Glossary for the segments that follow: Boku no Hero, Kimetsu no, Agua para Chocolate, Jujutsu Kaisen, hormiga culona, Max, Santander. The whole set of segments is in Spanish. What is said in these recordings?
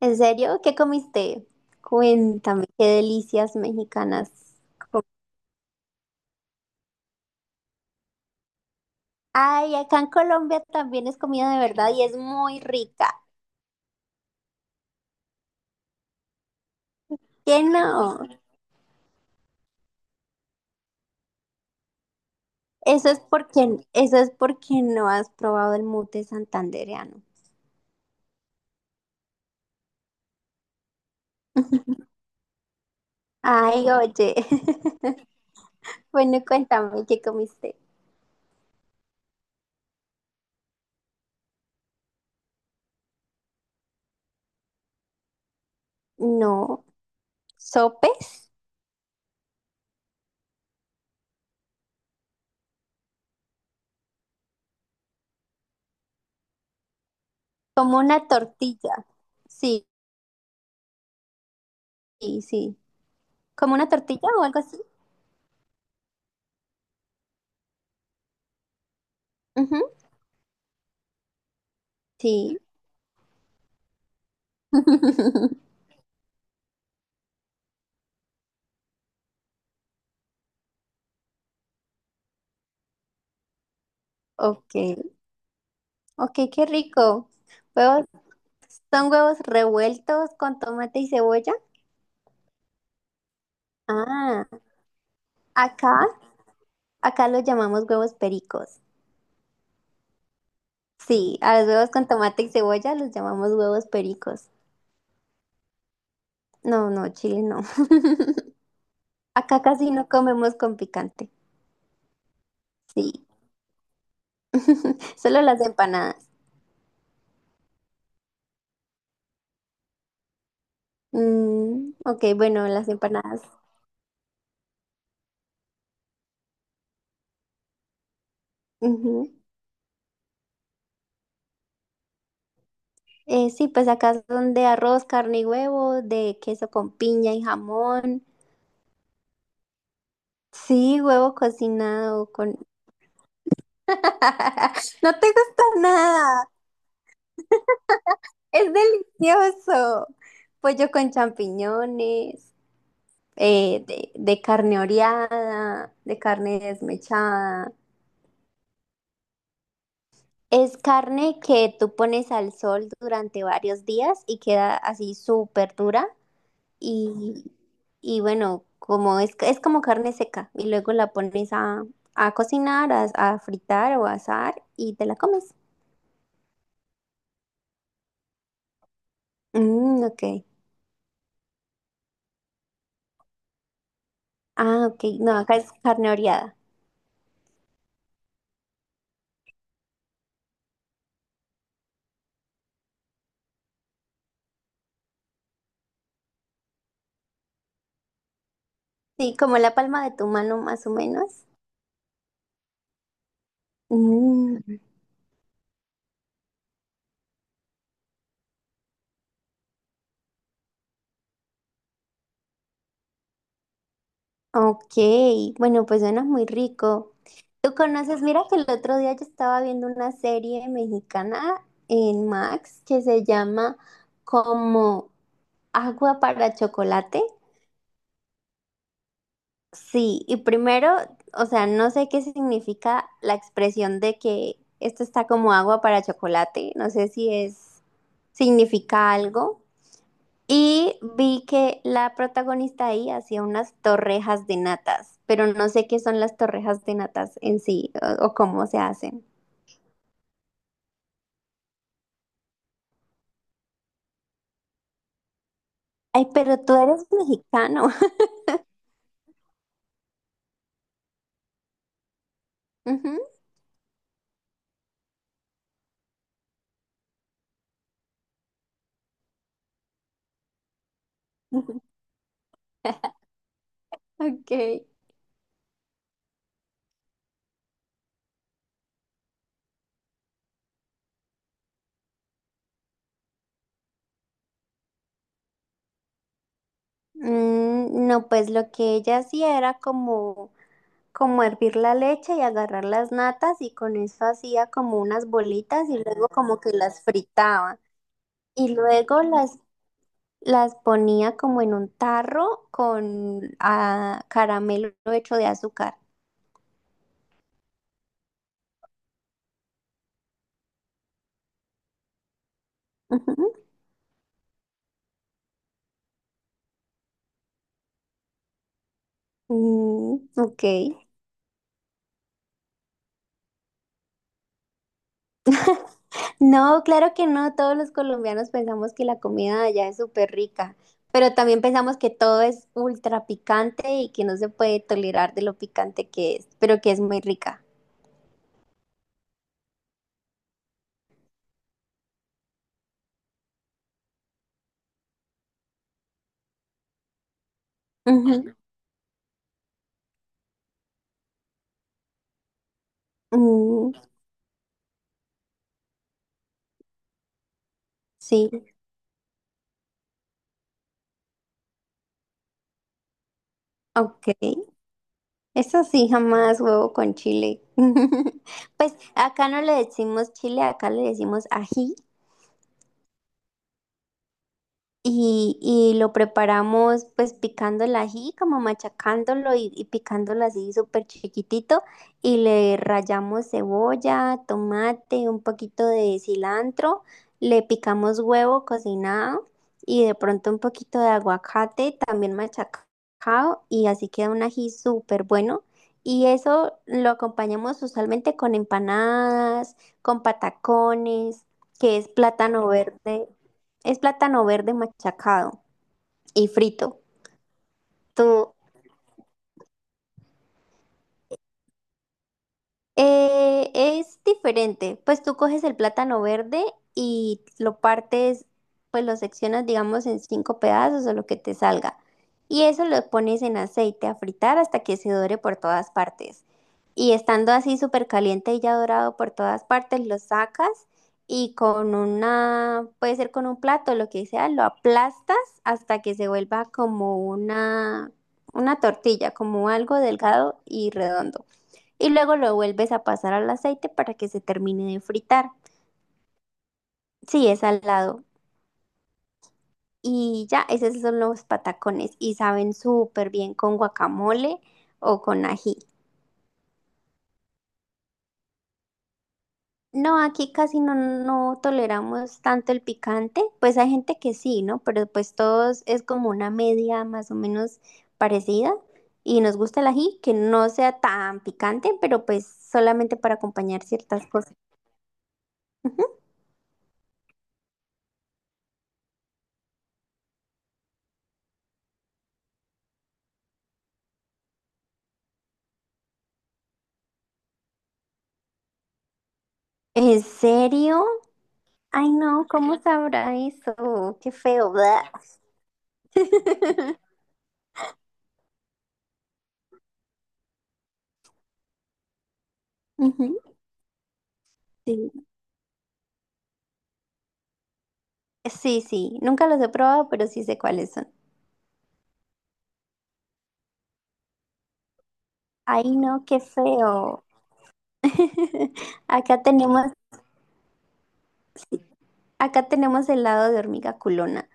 ¿En serio? ¿Qué comiste? Cuéntame, qué delicias mexicanas. com- Ay, acá en Colombia también es comida de verdad y es muy rica. ¿Qué no? Eso es porque no has probado el mute santandereano. Ay, oye. Bueno, cuéntame, ¿qué comiste? No, ¿sopes? Como una tortilla. Sí, sí, sí. ¿Como una tortilla o algo así? Ujú. Sí. Ok. Ok, qué rico. Huevos, ¿son huevos revueltos con tomate y cebolla? Ah, acá, acá los llamamos huevos pericos. Sí, a los huevos con tomate y cebolla los llamamos huevos pericos. No, no, Chile no. Acá casi no comemos con picante. Sí, solo las empanadas. Mm, ok, bueno, las empanadas. Ujú. Sí, pues acá son de arroz, carne y huevo, de queso con piña y jamón. Sí, huevo cocinado con no te gusta nada. Es delicioso. Pollo con champiñones, de carne oreada, de carne desmechada. Es carne que tú pones al sol durante varios días y queda así súper dura. Y, y bueno, es como carne seca. Y luego la pones a cocinar, a fritar o a asar y te la comes. Mm, ok. Ah, ok. No, acá es carne oreada. Sí, como la palma de tu mano más o menos. Mm, ok, bueno, pues suena muy rico. ¿Tú conoces? Mira que el otro día yo estaba viendo una serie mexicana en Max que se llama como Agua para Chocolate. Sí, y primero, o sea, no sé qué significa la expresión de que esto está como agua para chocolate. No sé si es, significa algo. Y vi que la protagonista ahí hacía unas torrejas de natas, pero no sé qué son las torrejas de natas en sí o cómo se hacen. Ay, pero tú eres mexicano. Ujú. Ok. Mm, no, pues lo que ella hacía era como hervir la leche y agarrar las natas y con eso hacía como unas bolitas y luego como que las fritaba. Y luego las ponía como en un tarro con ah, caramelo hecho de azúcar. Ujú. Mm, ok. No, claro que no. Todos los colombianos pensamos que la comida de allá es súper rica, pero también pensamos que todo es ultra picante y que no se puede tolerar de lo picante que es, pero que es muy rica. Ujú. Mm, sí, ok. Eso sí, jamás huevo con chile. Pues acá no le decimos chile, acá le decimos ají. Y lo preparamos pues picando el ají, como machacándolo y picándolo así súper chiquitito. Y le rallamos cebolla, tomate, un poquito de cilantro. Le picamos huevo cocinado y de pronto un poquito de aguacate también machacado. Y así queda un ají súper bueno. Y eso lo acompañamos usualmente con empanadas, con patacones, que es plátano verde. Es plátano verde machacado y frito. ¿Tú es diferente, pues tú coges el plátano verde y lo partes, pues lo seccionas, digamos, en 5 pedazos o lo que te salga. Y eso lo pones en aceite a fritar hasta que se dore por todas partes. Y estando así súper caliente y ya dorado por todas partes, lo sacas y con una, puede ser con un plato, lo que sea, lo aplastas hasta que se vuelva una tortilla, como algo delgado y redondo y luego lo vuelves a pasar al aceite para que se termine de fritar. Sí, es salado. Y ya, esos son los patacones y saben súper bien con guacamole o con ají. No, aquí casi no, no toleramos tanto el picante, pues hay gente que sí, ¿no? Pero pues todos es como una media más o menos parecida y nos gusta el ají, que no sea tan picante, pero pues solamente para acompañar ciertas cosas. ¿En serio? Ay, no, ¿cómo sabrá eso? Qué feo, ¿verdad? Ujú. Sí, sí, sí, nunca los he probado, pero sí sé cuáles son. Ay, no, qué feo. Acá tenemos, acá tenemos helado de hormiga culona.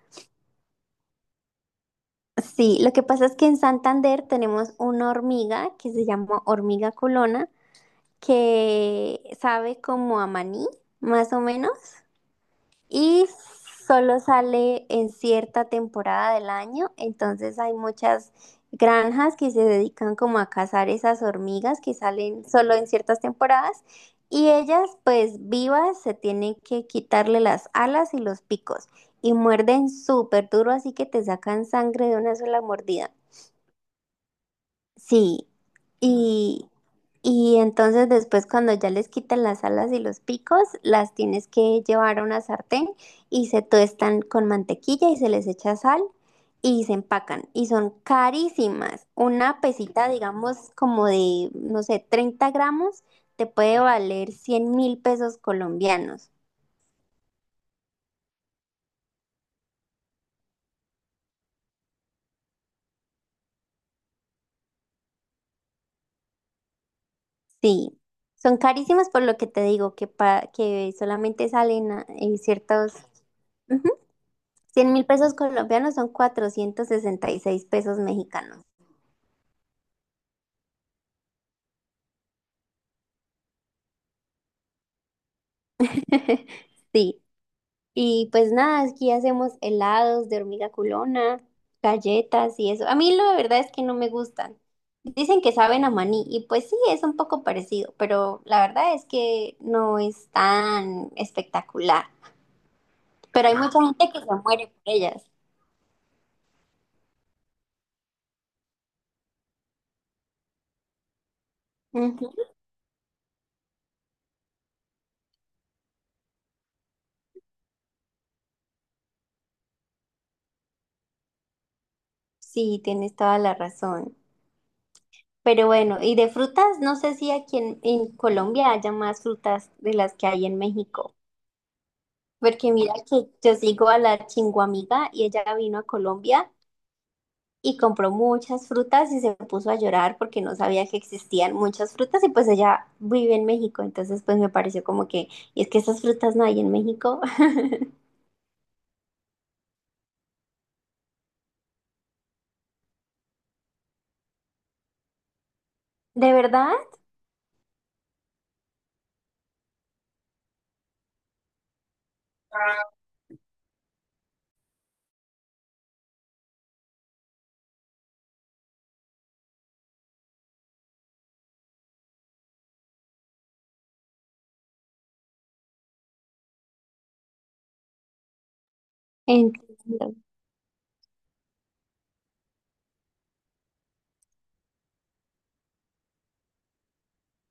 Sí, lo que pasa es que en Santander tenemos una hormiga que se llama hormiga culona, que sabe como a maní, más o menos. Y solo sale en cierta temporada del año, entonces hay muchas granjas que se dedican como a cazar esas hormigas que salen solo en ciertas temporadas y ellas pues vivas se tienen que quitarle las alas y los picos y muerden súper duro así que te sacan sangre de una sola mordida. Sí, y, y entonces después cuando ya les quitan las alas y los picos, las tienes que llevar a una sartén y se tuestan con mantequilla y se les echa sal y se empacan y son carísimas. Una pesita, digamos, como de, no sé, 30 gramos, te puede valer 100.000 pesos colombianos. Sí, son carísimas por lo que te digo, que solamente en ciertos... 100.000 pesos colombianos son 466 pesos mexicanos. Sí, y pues nada, aquí hacemos helados de hormiga culona, galletas y eso. A mí la verdad es que no me gustan. Dicen que saben a maní y pues sí, es un poco parecido, pero la verdad es que no es tan espectacular. Pero hay mucha gente que se muere por ellas. Ujú. Sí, tienes toda la razón. Pero bueno, y de frutas, no sé si aquí en Colombia haya más frutas de las que hay en México. Porque mira que yo sigo a la chinguamiga y ella vino a Colombia y compró muchas frutas y se puso a llorar porque no sabía que existían muchas frutas y pues ella vive en México. Entonces pues me pareció como que, y es que esas frutas no hay en México. ¿De verdad? Entiendo.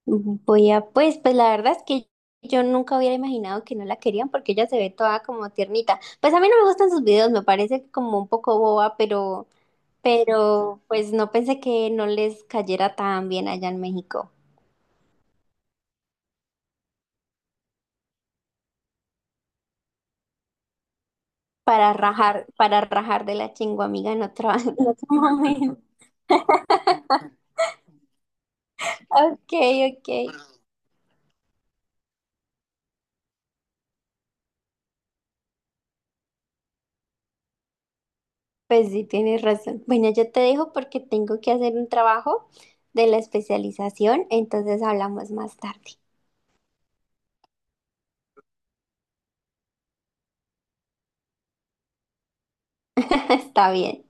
Voy a, pues, pues la verdad es que yo nunca hubiera imaginado que no la querían porque ella se ve toda como tiernita. Pues a mí no me gustan sus videos, me parece como un poco boba, pero pues no pensé que no les cayera tan bien allá en México para rajar de la chingua amiga en otro, en otro momento. Ok, ok. Pues sí, tienes razón. Bueno, yo te dejo porque tengo que hacer un trabajo de la especialización, entonces hablamos más tarde. Está bien.